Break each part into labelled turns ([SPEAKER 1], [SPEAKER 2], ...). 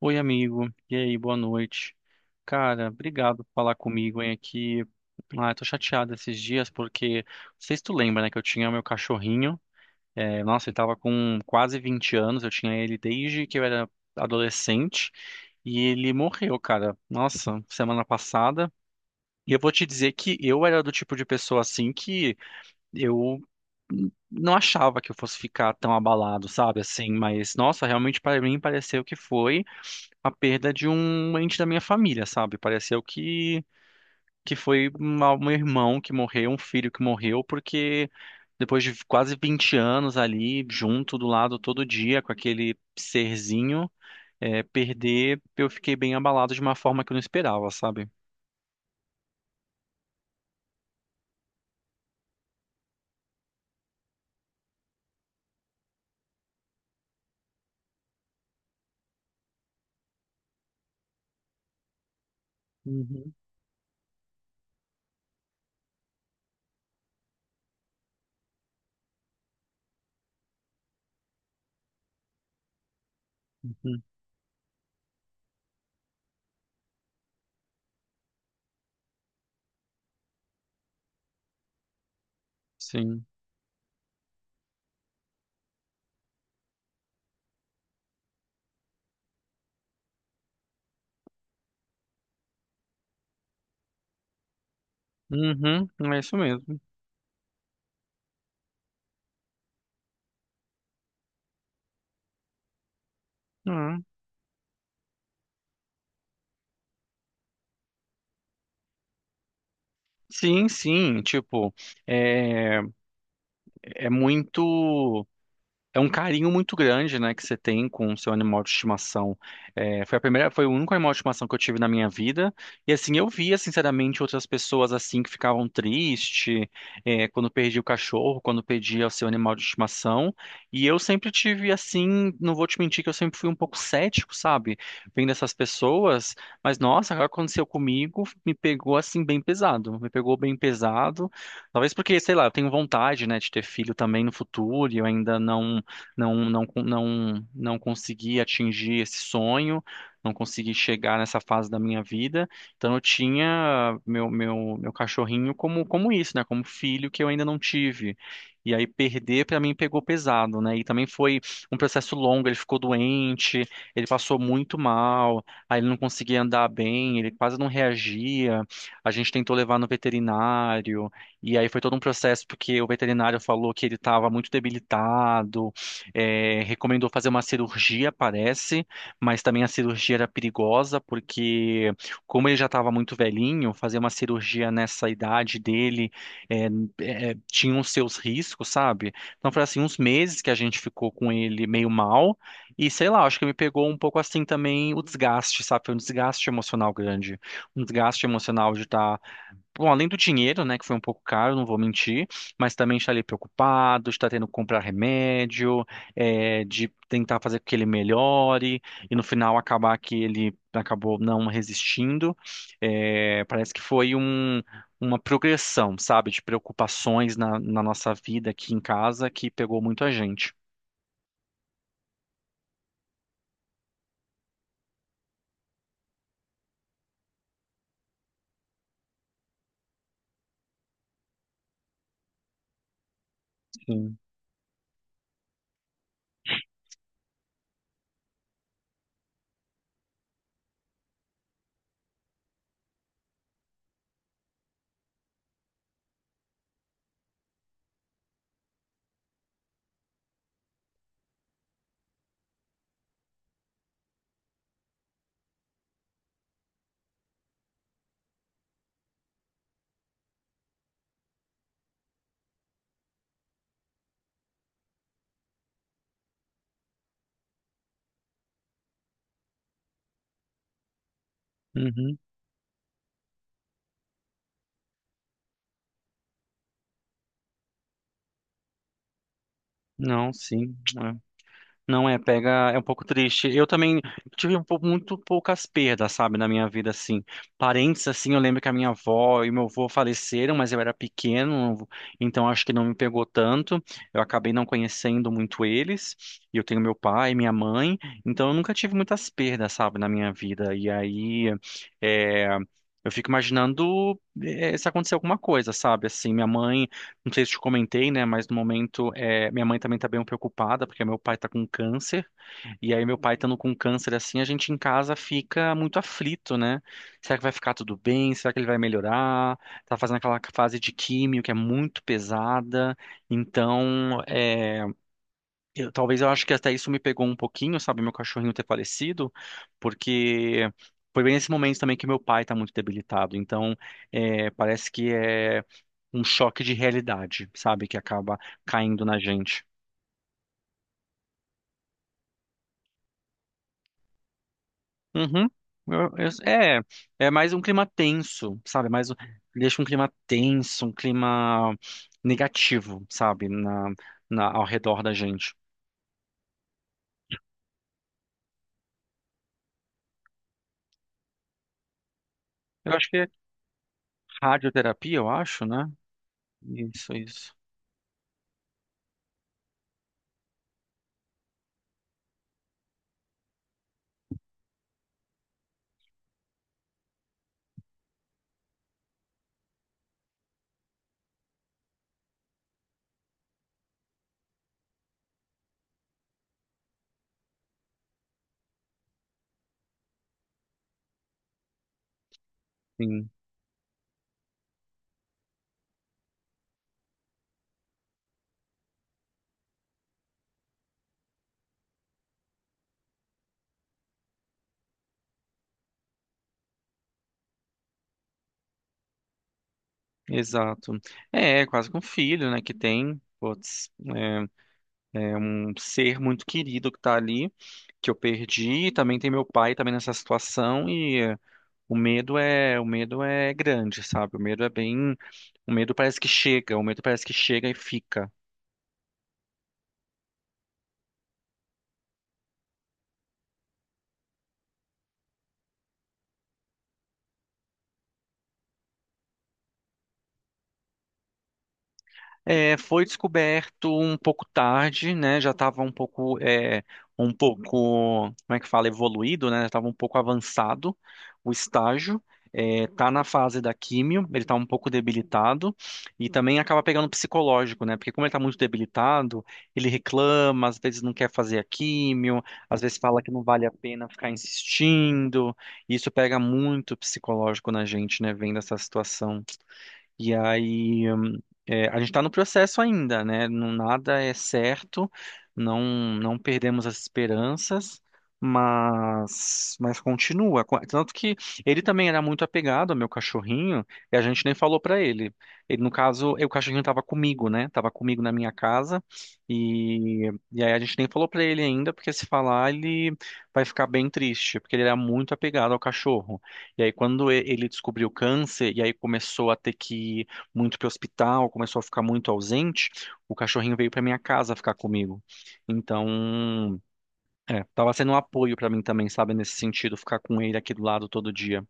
[SPEAKER 1] Oi, amigo. E aí, boa noite. Cara, obrigado por falar comigo, hein, aqui. Ah, eu tô chateado esses dias porque, não sei se tu lembra, né, que eu tinha meu cachorrinho. É, nossa, ele tava com quase 20 anos, eu tinha ele desde que eu era adolescente e ele morreu, cara. Nossa, semana passada. E eu vou te dizer que eu era do tipo de pessoa assim que eu não achava que eu fosse ficar tão abalado, sabe? Assim, mas nossa, realmente para mim pareceu que foi a perda de um ente da minha família, sabe? Pareceu que foi um irmão que morreu, um filho que morreu, porque depois de quase 20 anos ali, junto do lado todo dia com aquele serzinho, perder, eu fiquei bem abalado de uma forma que eu não esperava, sabe? Uhum, uhum. Sim. Uhum, é isso mesmo. Uhum. Sim, sim, tipo, é, é muito. É um carinho muito grande, né, que você tem com o seu animal de estimação. É, foi a primeira, foi o único animal de estimação que eu tive na minha vida. E assim, eu via, sinceramente, outras pessoas assim que ficavam tristes, quando perdia o cachorro, quando perdia o seu animal de estimação. E eu sempre tive assim, não vou te mentir que eu sempre fui um pouco cético, sabe? Vendo essas pessoas, mas nossa, agora aconteceu comigo, me pegou assim bem pesado. Me pegou bem pesado. Talvez porque, sei lá, eu tenho vontade, né, de ter filho também no futuro, e eu ainda não consegui atingir esse sonho, não consegui chegar nessa fase da minha vida. Então eu tinha meu cachorrinho como, como isso, né? Como filho que eu ainda não tive. E aí perder para mim pegou pesado, né? E também foi um processo longo, ele ficou doente, ele passou muito mal, aí ele não conseguia andar bem, ele quase não reagia. A gente tentou levar no veterinário, e aí foi todo um processo porque o veterinário falou que ele estava muito debilitado, recomendou fazer uma cirurgia, parece, mas também a cirurgia era perigosa, porque, como ele já estava muito velhinho, fazer uma cirurgia nessa idade dele é, tinha os seus riscos, sabe? Então, foi assim, uns meses que a gente ficou com ele meio mal, e sei lá, acho que me pegou um pouco assim também o desgaste, sabe? Foi um desgaste emocional grande, um desgaste emocional de estar. Bom, além do dinheiro, né, que foi um pouco caro, não vou mentir, mas também está ali preocupado, está tendo que comprar remédio, de tentar fazer com que ele melhore, e no final acabar que ele acabou não resistindo. Parece que foi uma progressão, sabe, de preocupações na nossa vida aqui em casa que pegou muito a gente. Sim. Uhum. Não, sim. Não é, pega, é um pouco triste. Eu também tive muito poucas perdas, sabe, na minha vida, assim. Parentes, assim, eu lembro que a minha avó e meu avô faleceram, mas eu era pequeno, então acho que não me pegou tanto. Eu acabei não conhecendo muito eles. E eu tenho meu pai, minha mãe, então eu nunca tive muitas perdas, sabe, na minha vida. E aí, é, eu fico imaginando, se acontecer alguma coisa, sabe, assim, minha mãe. Não sei se te comentei, né? Mas no momento, minha mãe também tá bem preocupada, porque meu pai tá com câncer. E aí, meu pai estando com câncer assim, a gente em casa fica muito aflito, né? Será que vai ficar tudo bem? Será que ele vai melhorar? Tá fazendo aquela fase de químio que é muito pesada. Então, talvez eu acho que até isso me pegou um pouquinho, sabe? Meu cachorrinho ter falecido, porque. Foi bem nesse momento também que meu pai tá muito debilitado. Então, parece que é um choque de realidade, sabe? Que acaba caindo na gente. Uhum. É, é mais um clima tenso, sabe? Deixa um clima tenso, um clima negativo, sabe? Na, ao redor da gente. Eu acho que é radioterapia, eu acho, né? Isso, isso. Sim, exato. É, é quase com um filho, né? Que tem, putz, é, é um ser muito querido que tá ali, que eu perdi. Também tem meu pai também nessa situação. O medo é grande, sabe? O medo é bem, o medo parece que chega, o medo parece que chega e fica. É, foi descoberto um pouco tarde, né? Já estava um pouco, um pouco, como é que fala, evoluído, né? Estava um pouco avançado o estágio. É, tá na fase da químio, ele está um pouco debilitado e também acaba pegando psicológico, né? Porque como ele está muito debilitado, ele reclama, às vezes não quer fazer a químio, às vezes fala que não vale a pena ficar insistindo. E isso pega muito psicológico na gente, né? Vendo essa situação. E aí, a gente está no processo ainda, né? Não, nada é certo, não não perdemos as esperanças, mas continua. Tanto que ele também era muito apegado ao meu cachorrinho e a gente nem falou para ele. Ele, no caso, o cachorrinho estava comigo, né? Estava comigo na minha casa e aí a gente nem falou para ele ainda, porque se falar ele vai ficar bem triste, porque ele era muito apegado ao cachorro. E aí, quando ele descobriu o câncer, e aí começou a ter que ir muito para o hospital, começou a ficar muito ausente, o cachorrinho veio para minha casa ficar comigo. Então, tava sendo um apoio para mim também, sabe, nesse sentido, ficar com ele aqui do lado todo dia.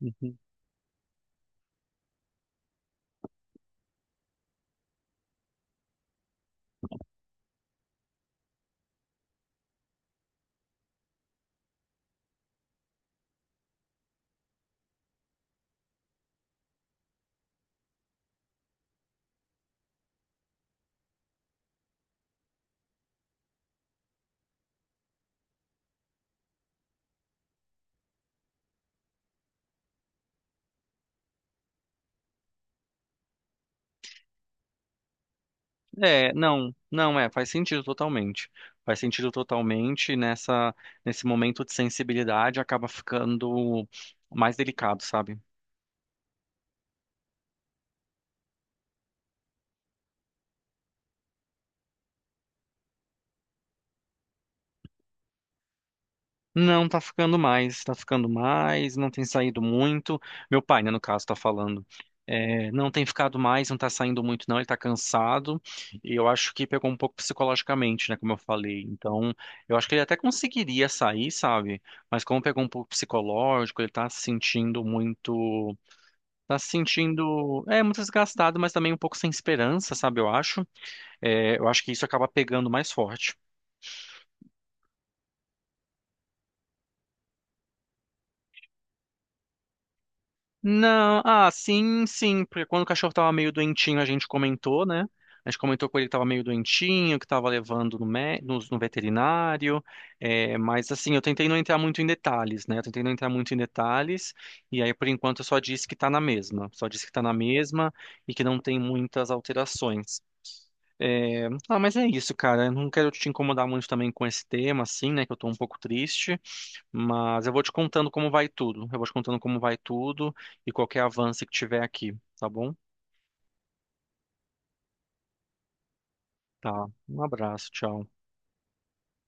[SPEAKER 1] Uhum. É, não é, faz sentido totalmente. Faz sentido totalmente nessa, nesse momento de sensibilidade acaba ficando mais delicado, sabe? Não tá ficando mais, tá ficando mais, não tem saído muito. Meu pai, né, no caso, tá falando. É, não tem ficado mais, não tá saindo muito, não. Ele tá cansado. E eu acho que pegou um pouco psicologicamente, né, como eu falei. Então, eu acho que ele até conseguiria sair, sabe? Mas como pegou um pouco psicológico, ele tá se sentindo muito. Tá se sentindo, muito desgastado, mas também um pouco sem esperança, sabe? Eu acho. É, eu acho que isso acaba pegando mais forte. Não, ah, sim, sim, porque quando o cachorro tava meio doentinho, a gente comentou, né? A gente comentou com ele que tava meio doentinho, que tava levando no veterinário, mas assim, eu tentei não entrar muito em detalhes, né? Eu tentei não entrar muito em detalhes, e aí por enquanto eu só disse que tá na mesma, só disse que tá na mesma e que não tem muitas alterações. É, ah, mas é isso, cara. Eu não quero te incomodar muito também com esse tema, assim, né? Que eu tô um pouco triste, mas eu vou te contando como vai tudo. Eu vou te contando como vai tudo e qualquer avanço que tiver aqui, tá bom? Tá. Um abraço, tchau.